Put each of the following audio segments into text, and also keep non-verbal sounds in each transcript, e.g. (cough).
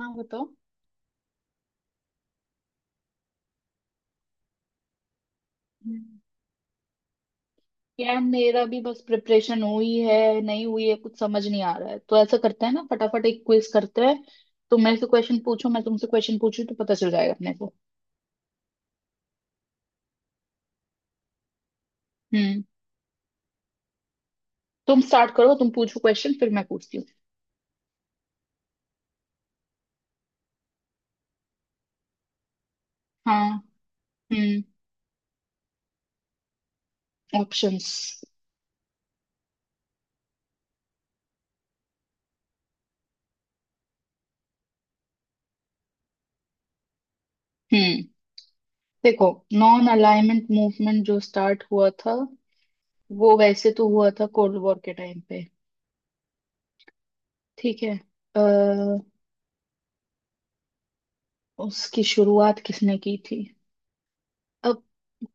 हाँ, बताओ। हम्म। यार, मेरा भी बस प्रिपरेशन हुई है, नहीं हुई है, कुछ समझ नहीं आ रहा है। तो ऐसा करते हैं ना, फटाफट एक क्विज करते हैं। तुम मेरे से क्वेश्चन पूछो, मैं तुमसे क्वेश्चन पूछूं, तो पता चल जाएगा अपने को। हम्म। तुम स्टार्ट करो, तुम पूछो क्वेश्चन, फिर मैं पूछती हूँ। हाँ। हम्म। ऑप्शंस? हम्म। देखो, नॉन अलाइनमेंट मूवमेंट जो स्टार्ट हुआ था वो वैसे तो हुआ था कोल्ड वॉर के टाइम पे। ठीक है। अः उसकी शुरुआत किसने की थी? अब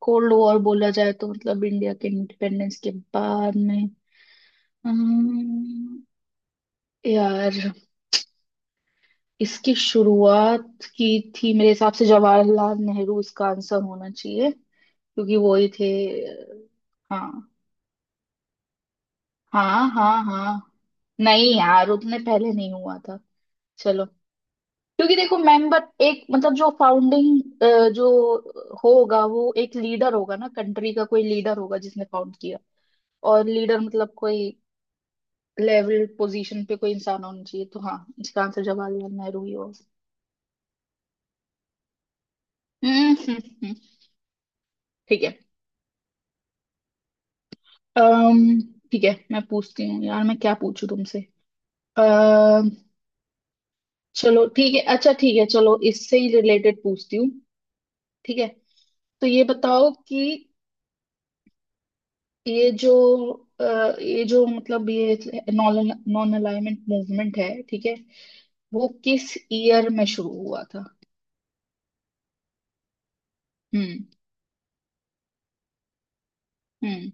कोल्ड वॉर बोला जाए तो मतलब इंडिया के इंडिपेंडेंस के बाद में। अम्म, यार, इसकी शुरुआत की थी, मेरे हिसाब से जवाहरलाल नेहरू इसका आंसर होना चाहिए क्योंकि वो ही थे। हाँ, हाँ, हाँ, हाँ। नहीं यार, उतने पहले नहीं हुआ था। चलो। क्योंकि देखो, मेंबर एक मतलब जो फाउंडिंग जो होगा वो एक लीडर होगा ना, कंट्री का कोई लीडर होगा जिसने फाउंड किया। और लीडर मतलब कोई लेवल पोजीशन पे कोई इंसान होना चाहिए, तो हाँ इसका आंसर जवाहरलाल नेहरू ही होगा। हम्म, हम्म, हम्म। ठीक है। अम्म ठीक है, मैं पूछती हूँ। यार मैं क्या पूछूं तुमसे? अः चलो ठीक है, अच्छा ठीक है, चलो इससे ही रिलेटेड पूछती हूँ। ठीक है। तो ये बताओ कि ये जो अ, ये जो मतलब ये नॉन नॉन अलाइनमेंट मूवमेंट है, ठीक है, वो किस ईयर में शुरू हुआ था? हम्म, हम्म।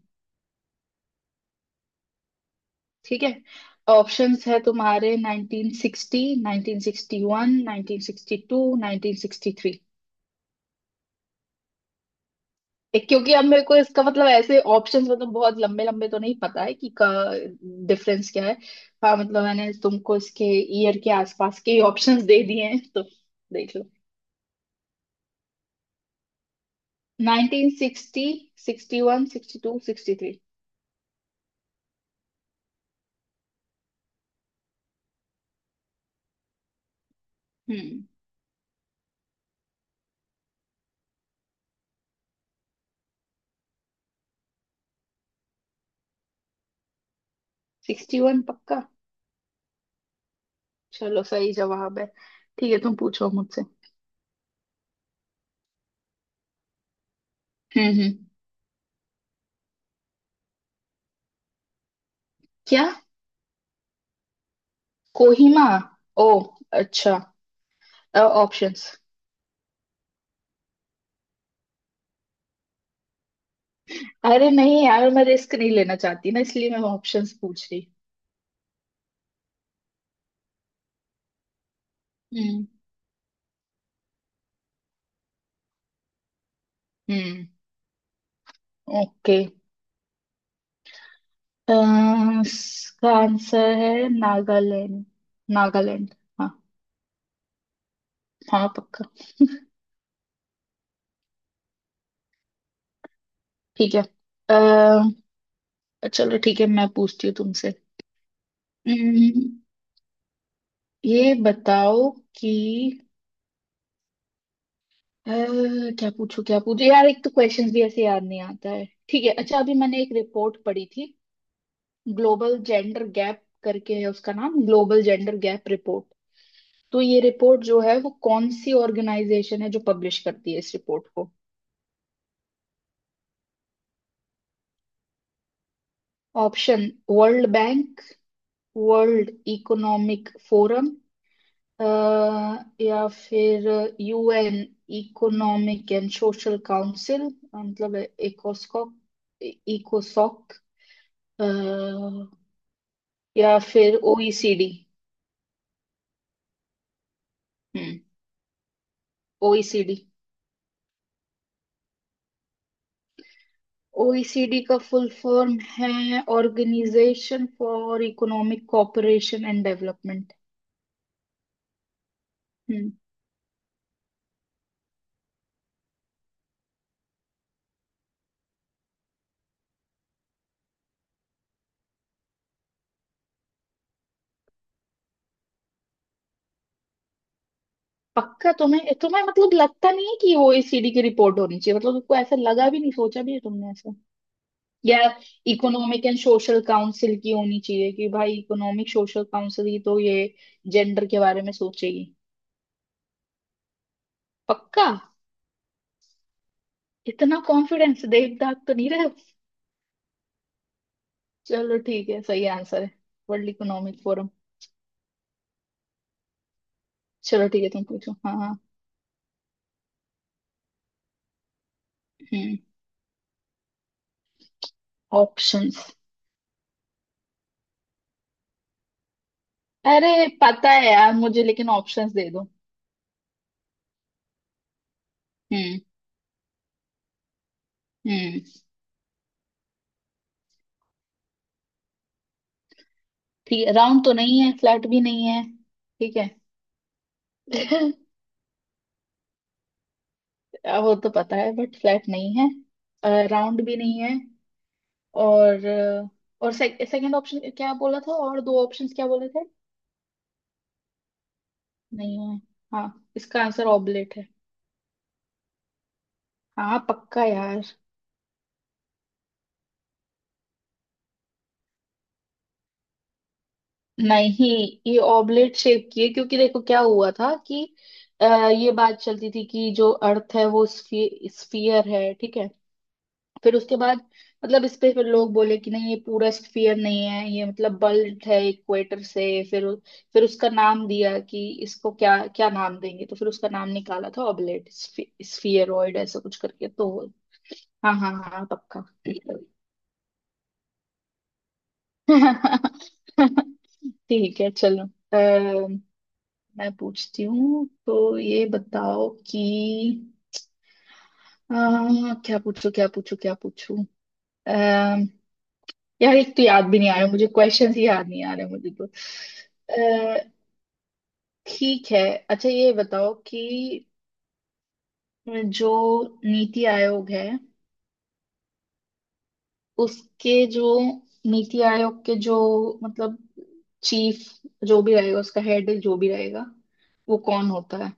ठीक है, ऑप्शंस है तुम्हारे: 1960, 1961, 1962, 1963। क्योंकि अब मेरे को इसका मतलब ऐसे ऑप्शंस, मतलब बहुत लंबे लंबे तो नहीं पता है कि का डिफरेंस क्या है। हाँ मतलब मैंने तुमको इसके ईयर के आसपास के ऑप्शंस दे दिए हैं, तो देख लो। 1960, 61, 62, 63। हम्म। 61 पक्का। चलो, सही जवाब है। ठीक है, तुम पूछो मुझसे। हम्म, हम्म। क्या? कोहिमा? ओ, अच्छा। ऑप्शंस? अरे नहीं यार, मैं रिस्क नहीं लेना चाहती ना, इसलिए मैं ऑप्शंस पूछ रही। हम्म, हम्म। ओके। इसका आंसर है नागालैंड। नागालैंड। हाँ। हाँ, पक्का। ठीक है। अ, चलो ठीक है, मैं पूछती हूँ तुमसे। हम्म, ये बताओ कि अ, क्या पूछो, क्या पूछो, यार एक तो क्वेश्चंस भी ऐसे याद नहीं आता है। ठीक है, अच्छा अभी मैंने एक रिपोर्ट पढ़ी थी, ग्लोबल जेंडर गैप करके है उसका नाम, ग्लोबल जेंडर गैप रिपोर्ट। तो ये रिपोर्ट जो है, वो कौन सी ऑर्गेनाइजेशन है जो पब्लिश करती है इस रिपोर्ट को? Option: world bank, world economic forum, या फिर UN economic and social council, मतलब इकोस्कॉक, इकोसॉक, या फिर ओईसीडी। हम्म। ओईसीडी? ओईसीडी का फुल फॉर्म है organisation for economic cooperation and development. हम्म। पक्का? तुम्हें तुम्हें मतलब लगता नहीं है कि ओईसीडी की रिपोर्ट होनी चाहिए? मतलब तुमको ऐसा लगा भी नहीं, सोचा भी है तुमने ऐसा? या इकोनॉमिक एंड सोशल काउंसिल की होनी चाहिए, कि भाई इकोनॉमिक सोशल काउंसिल ही तो ये जेंडर के बारे में सोचेगी? पक्का? इतना कॉन्फिडेंस, देख दाग तो नहीं रहे। चलो ठीक है, सही आंसर है वर्ल्ड इकोनॉमिक फोरम। चलो ठीक है, तुम पूछो। हाँ, हाँ। हम्म। ऑप्शंस? अरे पता है यार मुझे, लेकिन ऑप्शंस दे दो। हम्म, हम्म। ठीक है, राउंड तो नहीं है, फ्लैट भी नहीं है। ठीक है। (laughs) वो तो पता है बट फ्लैट नहीं है, राउंड भी नहीं है। और अ, और सेकंड ऑप्शन क्या बोला था, और दो ऑप्शंस क्या बोले थे? नहीं है। हाँ, इसका आंसर ऑबलेट है। हाँ पक्का यार। नहीं, ये ऑबलेट शेप की है। क्योंकि देखो, क्या हुआ था कि अ, ये बात चलती थी कि जो अर्थ है वो स्फीयर है, ठीक है। फिर उसके बाद मतलब इस पे फिर लोग बोले कि नहीं, ये पूरा स्फीयर नहीं है, ये मतलब बल्ब है इक्वेटर से। फिर उ- फिर उसका नाम दिया कि इसको क्या क्या नाम देंगे, तो फिर उसका नाम निकाला था ऑबलेट स्फीयरॉइड ऐसा कुछ करके। तो हाँ, हाँ, हाँ, हाँ, पक्का। (laughs) ठीक है चलो। मैं पूछती हूँ, तो ये बताओ कि अ, क्या पूछूं, क्या पूछूं, क्या पूछूं? अम्म, यार एक तो याद भी नहीं आ रहा मुझे, क्वेश्चन ही याद नहीं आ रहे मुझे तो। अ, ठीक है, अच्छा ये बताओ कि जो नीति आयोग है, उसके जो नीति आयोग के जो मतलब चीफ जो भी रहेगा, उसका हेड जो भी रहेगा, वो कौन होता है?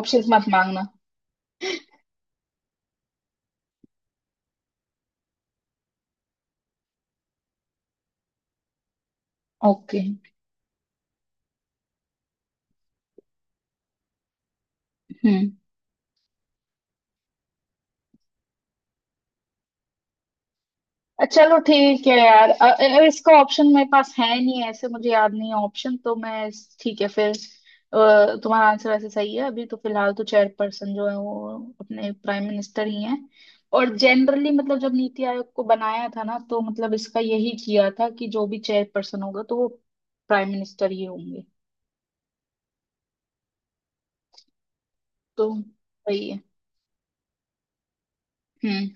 ऑप्शंस मत मांगना। ओके। हम्म। चलो ठीक है यार, इसका ऑप्शन मेरे पास है नहीं, ऐसे मुझे याद नहीं है ऑप्शन तो ठीक है फिर। तुम्हारा आंसर वैसे सही है। अभी तो फिलहाल तो चेयरपर्सन जो है वो अपने प्राइम मिनिस्टर ही हैं। और जनरली मतलब जब नीति आयोग को बनाया था ना, तो मतलब इसका यही किया था कि जो भी चेयरपर्सन होगा तो वो प्राइम मिनिस्टर ही होंगे। तो सही है। हम्म।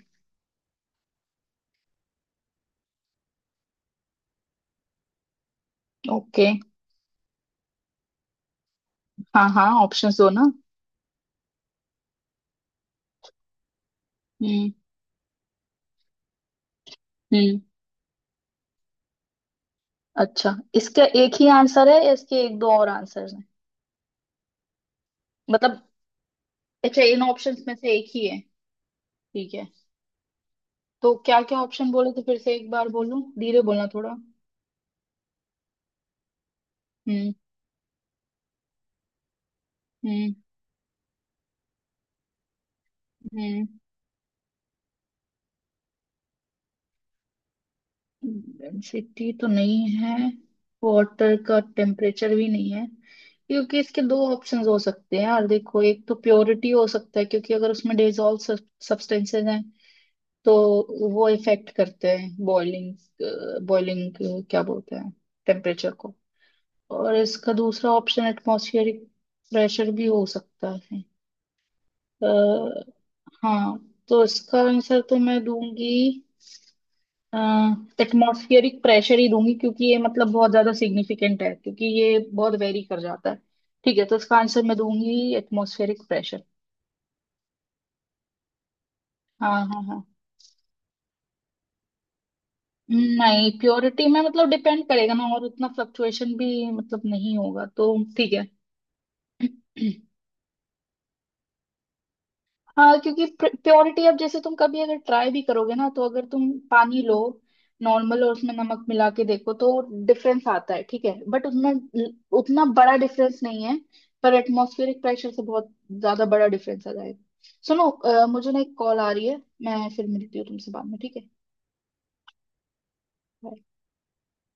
ओके। हाँ हाँ, ऑप्शन दो ना। हम्म, हम्म। अच्छा, इसका एक ही आंसर है या इसके एक दो और आंसर हैं? मतलब, अच्छा इन ऑप्शंस में से एक ही है। ठीक है। तो क्या क्या ऑप्शन बोले थे फिर से एक बार, बोलो धीरे बोलना थोड़ा। हम्म, हम्म, हम्म। डेंसिटी तो नहीं है। वाटर का टेम्परेचर भी नहीं है। क्योंकि इसके दो ऑप्शंस हो सकते हैं यार, देखो, एक तो प्योरिटी हो सकता है, क्योंकि अगर उसमें डिजॉल्व सब्सटेंसेस हैं तो वो इफेक्ट करते हैं बॉइलिंग, बॉइलिंग क्या बोलते हैं, टेम्परेचर को। और इसका दूसरा ऑप्शन एटमॉस्फेरिक प्रेशर भी हो सकता है। अ, हाँ। तो इसका आंसर तो मैं दूंगी, एटमॉस्फेरिक प्रेशर ही दूंगी क्योंकि ये मतलब बहुत ज्यादा सिग्निफिकेंट है, क्योंकि ये बहुत वेरी कर जाता है। ठीक है, तो इसका आंसर मैं दूंगी एटमॉस्फेरिक प्रेशर। हाँ, हाँ, हाँ। नहीं, प्योरिटी में मतलब डिपेंड करेगा ना, और उतना फ्लक्चुएशन भी मतलब नहीं होगा, तो ठीक है। (clears throat) हाँ, क्योंकि प्योरिटी अब जैसे तुम कभी अगर ट्राई भी करोगे ना, तो अगर तुम पानी लो नॉर्मल और उसमें नमक मिला के देखो, तो डिफरेंस आता है ठीक है, बट उतना उतना बड़ा डिफरेंस नहीं है। पर एटमॉस्फेरिक प्रेशर से बहुत ज्यादा बड़ा डिफरेंस आ जाएगा। सुनो, मुझे ना एक कॉल आ रही है। मैं फिर मिलती हूँ तुमसे बाद में, ठीक है। Bye.